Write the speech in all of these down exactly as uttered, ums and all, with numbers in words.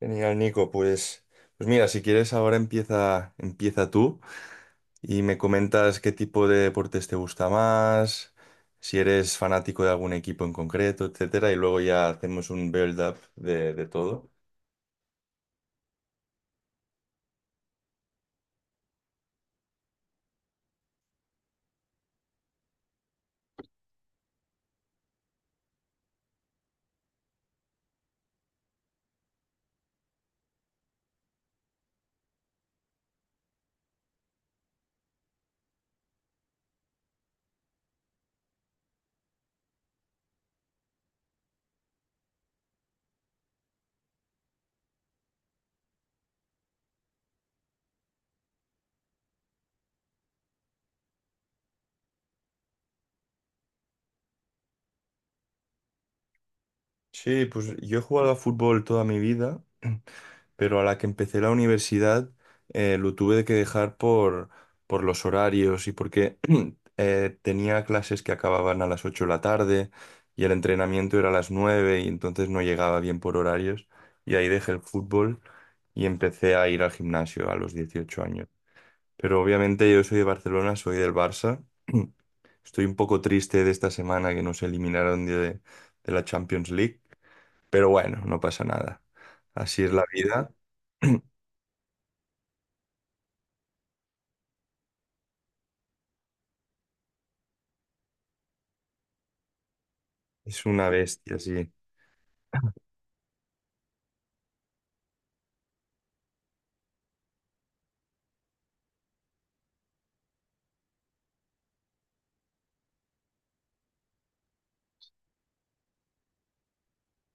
Genial, Nico. Pues, pues mira, si quieres ahora empieza, empieza tú y me comentas qué tipo de deportes te gusta más, si eres fanático de algún equipo en concreto, etcétera, y luego ya hacemos un build-up de, de todo. Sí, pues yo he jugado a fútbol toda mi vida pero a la que empecé la universidad, eh, lo tuve que dejar por, por los horarios y porque eh, tenía clases que acababan a las ocho de la tarde y el entrenamiento era a las nueve y entonces no llegaba bien por horarios y ahí dejé el fútbol y empecé a ir al gimnasio a los dieciocho años. Pero obviamente yo soy de Barcelona, soy del Barça. Estoy un poco triste de esta semana que nos eliminaron de, de la Champions League, pero bueno, no pasa nada. Así es la vida. Es una bestia, sí.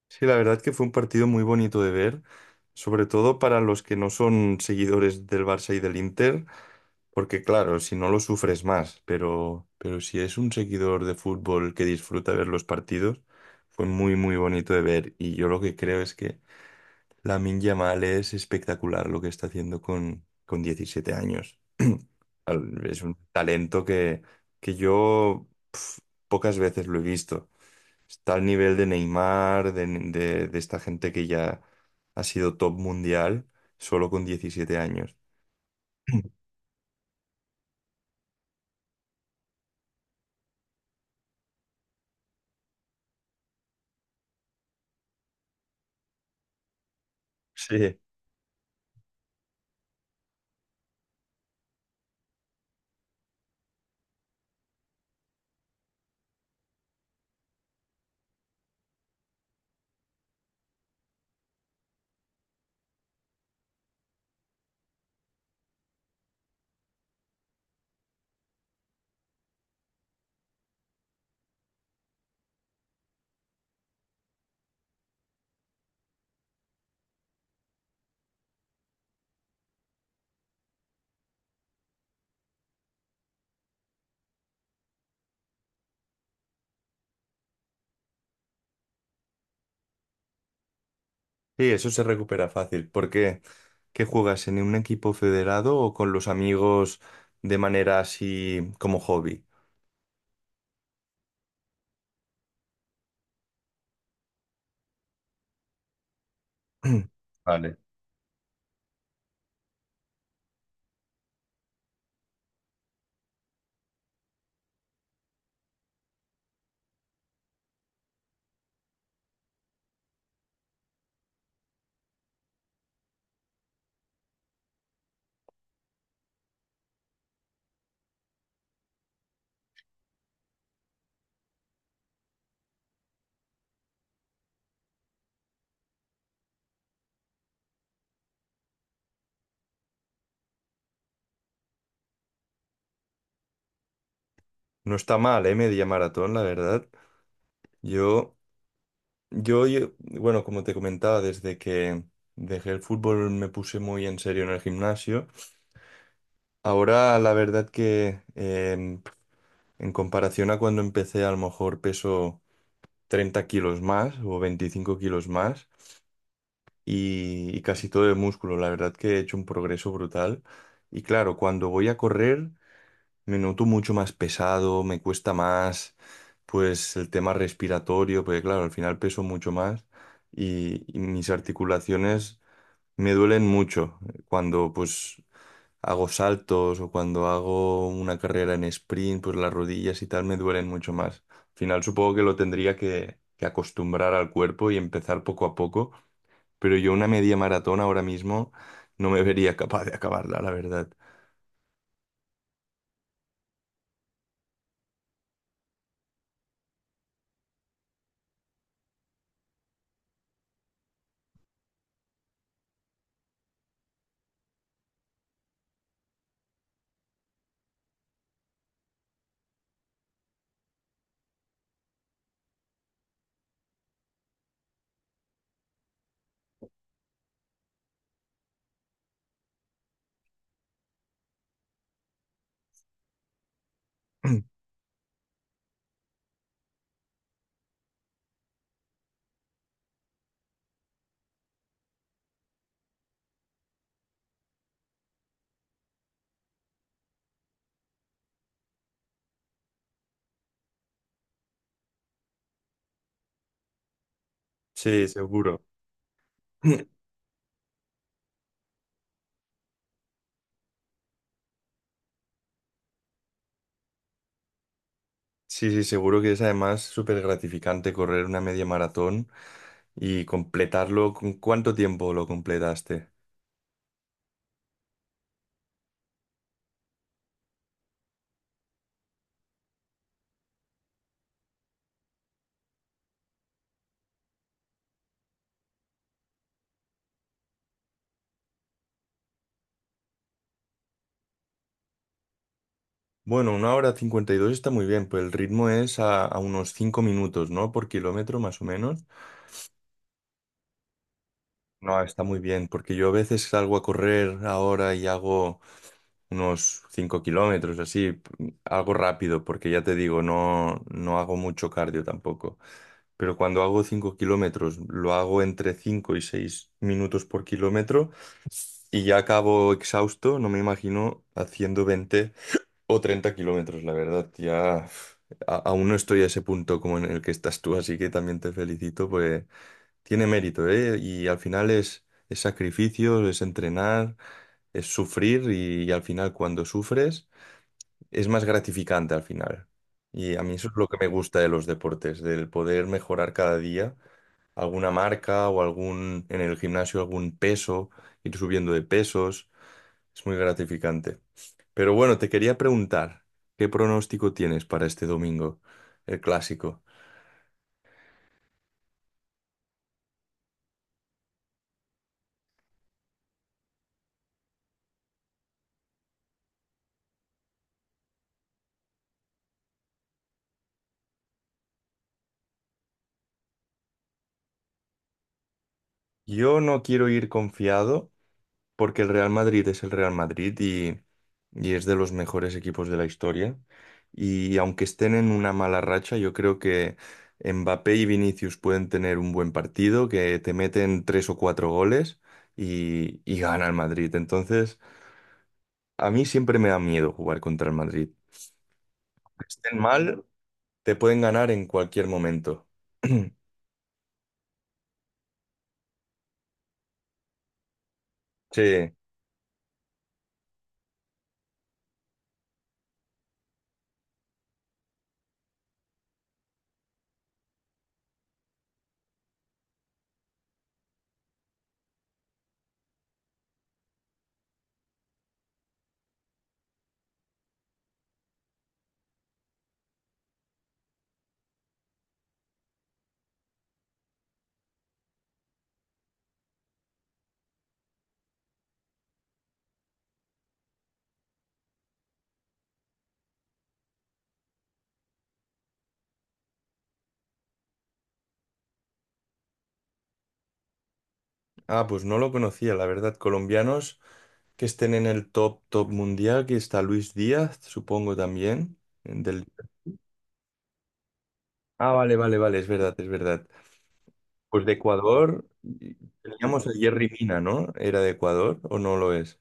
Sí, la verdad que fue un partido muy bonito de ver, sobre todo para los que no son seguidores del Barça y del Inter, porque claro, si no lo sufres más, pero, pero si es un seguidor de fútbol que disfruta ver los partidos, fue muy, muy bonito de ver. Y yo lo que creo es que Lamine Yamal es espectacular lo que está haciendo con, con diecisiete años. Al- Es un talento que, que yo pf, pocas veces lo he visto. Está al nivel de Neymar, de, de- de esta gente que ya ha sido top mundial solo con diecisiete años. Sí. Sí, eso se recupera fácil. ¿Por qué? ¿Qué juegas? ¿En un equipo federado o con los amigos de manera así como hobby? Vale. No está mal, ¿eh? Media maratón, la verdad. Yo, yo, yo- bueno, como te comentaba, desde que dejé el fútbol me puse muy en serio en el gimnasio. Ahora, la verdad que em, en comparación a cuando empecé, a lo mejor peso treinta kilos más o veinticinco kilos más y, y casi todo de músculo. La verdad que he hecho un progreso brutal. Y claro, cuando voy a correr me noto mucho más pesado, me cuesta más, pues el tema respiratorio, porque claro, al final peso mucho más y, y mis articulaciones me duelen mucho cuando pues hago saltos o cuando hago una carrera en sprint, pues las rodillas y tal me duelen mucho más. Al final supongo que lo tendría que, que acostumbrar al cuerpo y empezar poco a poco, pero yo una media maratón ahora mismo no me vería capaz de acabarla, la verdad. Sí, seguro. Sí, sí, seguro que es además súper gratificante correr una media maratón y completarlo. ¿Con cuánto tiempo lo completaste? Bueno, una hora cincuenta y dos está muy bien, pues el ritmo es a, a unos cinco minutos, ¿no? Por kilómetro más o menos. No, está muy bien, porque yo a veces salgo a correr ahora y hago unos cinco kilómetros, así, p- algo rápido, porque ya te digo, no, no hago mucho cardio tampoco. Pero cuando hago cinco kilómetros, lo hago entre cinco y seis minutos por kilómetro y ya acabo exhausto, no me imagino haciendo veinte o treinta kilómetros, la verdad, ya uf, a- aún no estoy a ese punto como en el que estás tú, así que también te felicito, pues tiene mérito, ¿eh? Y al final es, es sacrificio, es entrenar, es sufrir y, y al final cuando sufres es más gratificante al final. Y a mí eso es lo que me gusta de los deportes, del poder mejorar cada día alguna marca o algún, en el gimnasio algún peso, ir subiendo de pesos, es muy gratificante. Pero bueno, te quería preguntar, ¿qué pronóstico tienes para este domingo, el clásico? Yo no quiero ir confiado. Porque el Real Madrid es el Real Madrid y, y es de los mejores equipos de la historia. Y aunque estén en una mala racha, yo creo que Mbappé y Vinicius pueden tener un buen partido, que te meten tres o cuatro goles y, y gana el Madrid. Entonces, a mí siempre me da miedo jugar contra el Madrid. Aunque estén mal, te pueden ganar en cualquier momento. Sí. Ah, pues no lo conocía, la verdad. Colombianos que estén en el top, top mundial, que está Luis Díaz, supongo también. del- Ah, vale, vale, vale, es verdad, es verdad. Pues de Ecuador, y teníamos a Jerry Mina, ¿no? ¿Era de Ecuador o no lo es?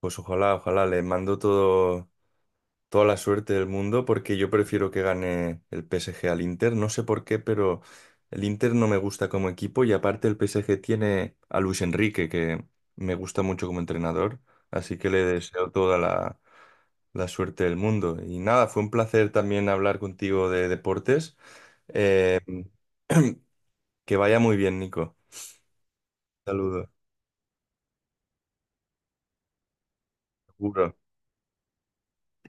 Pues ojalá, ojalá, le mando todo, toda la suerte del mundo porque yo prefiero que gane el P S G al Inter. No sé por qué, pero el Inter no me gusta como equipo y aparte el P S G tiene a Luis Enrique, que me gusta mucho como entrenador, así que le deseo toda la la suerte del mundo. Y nada, fue un placer también hablar contigo de deportes. Eh, que vaya muy bien, Nico. Saludos. Seguro.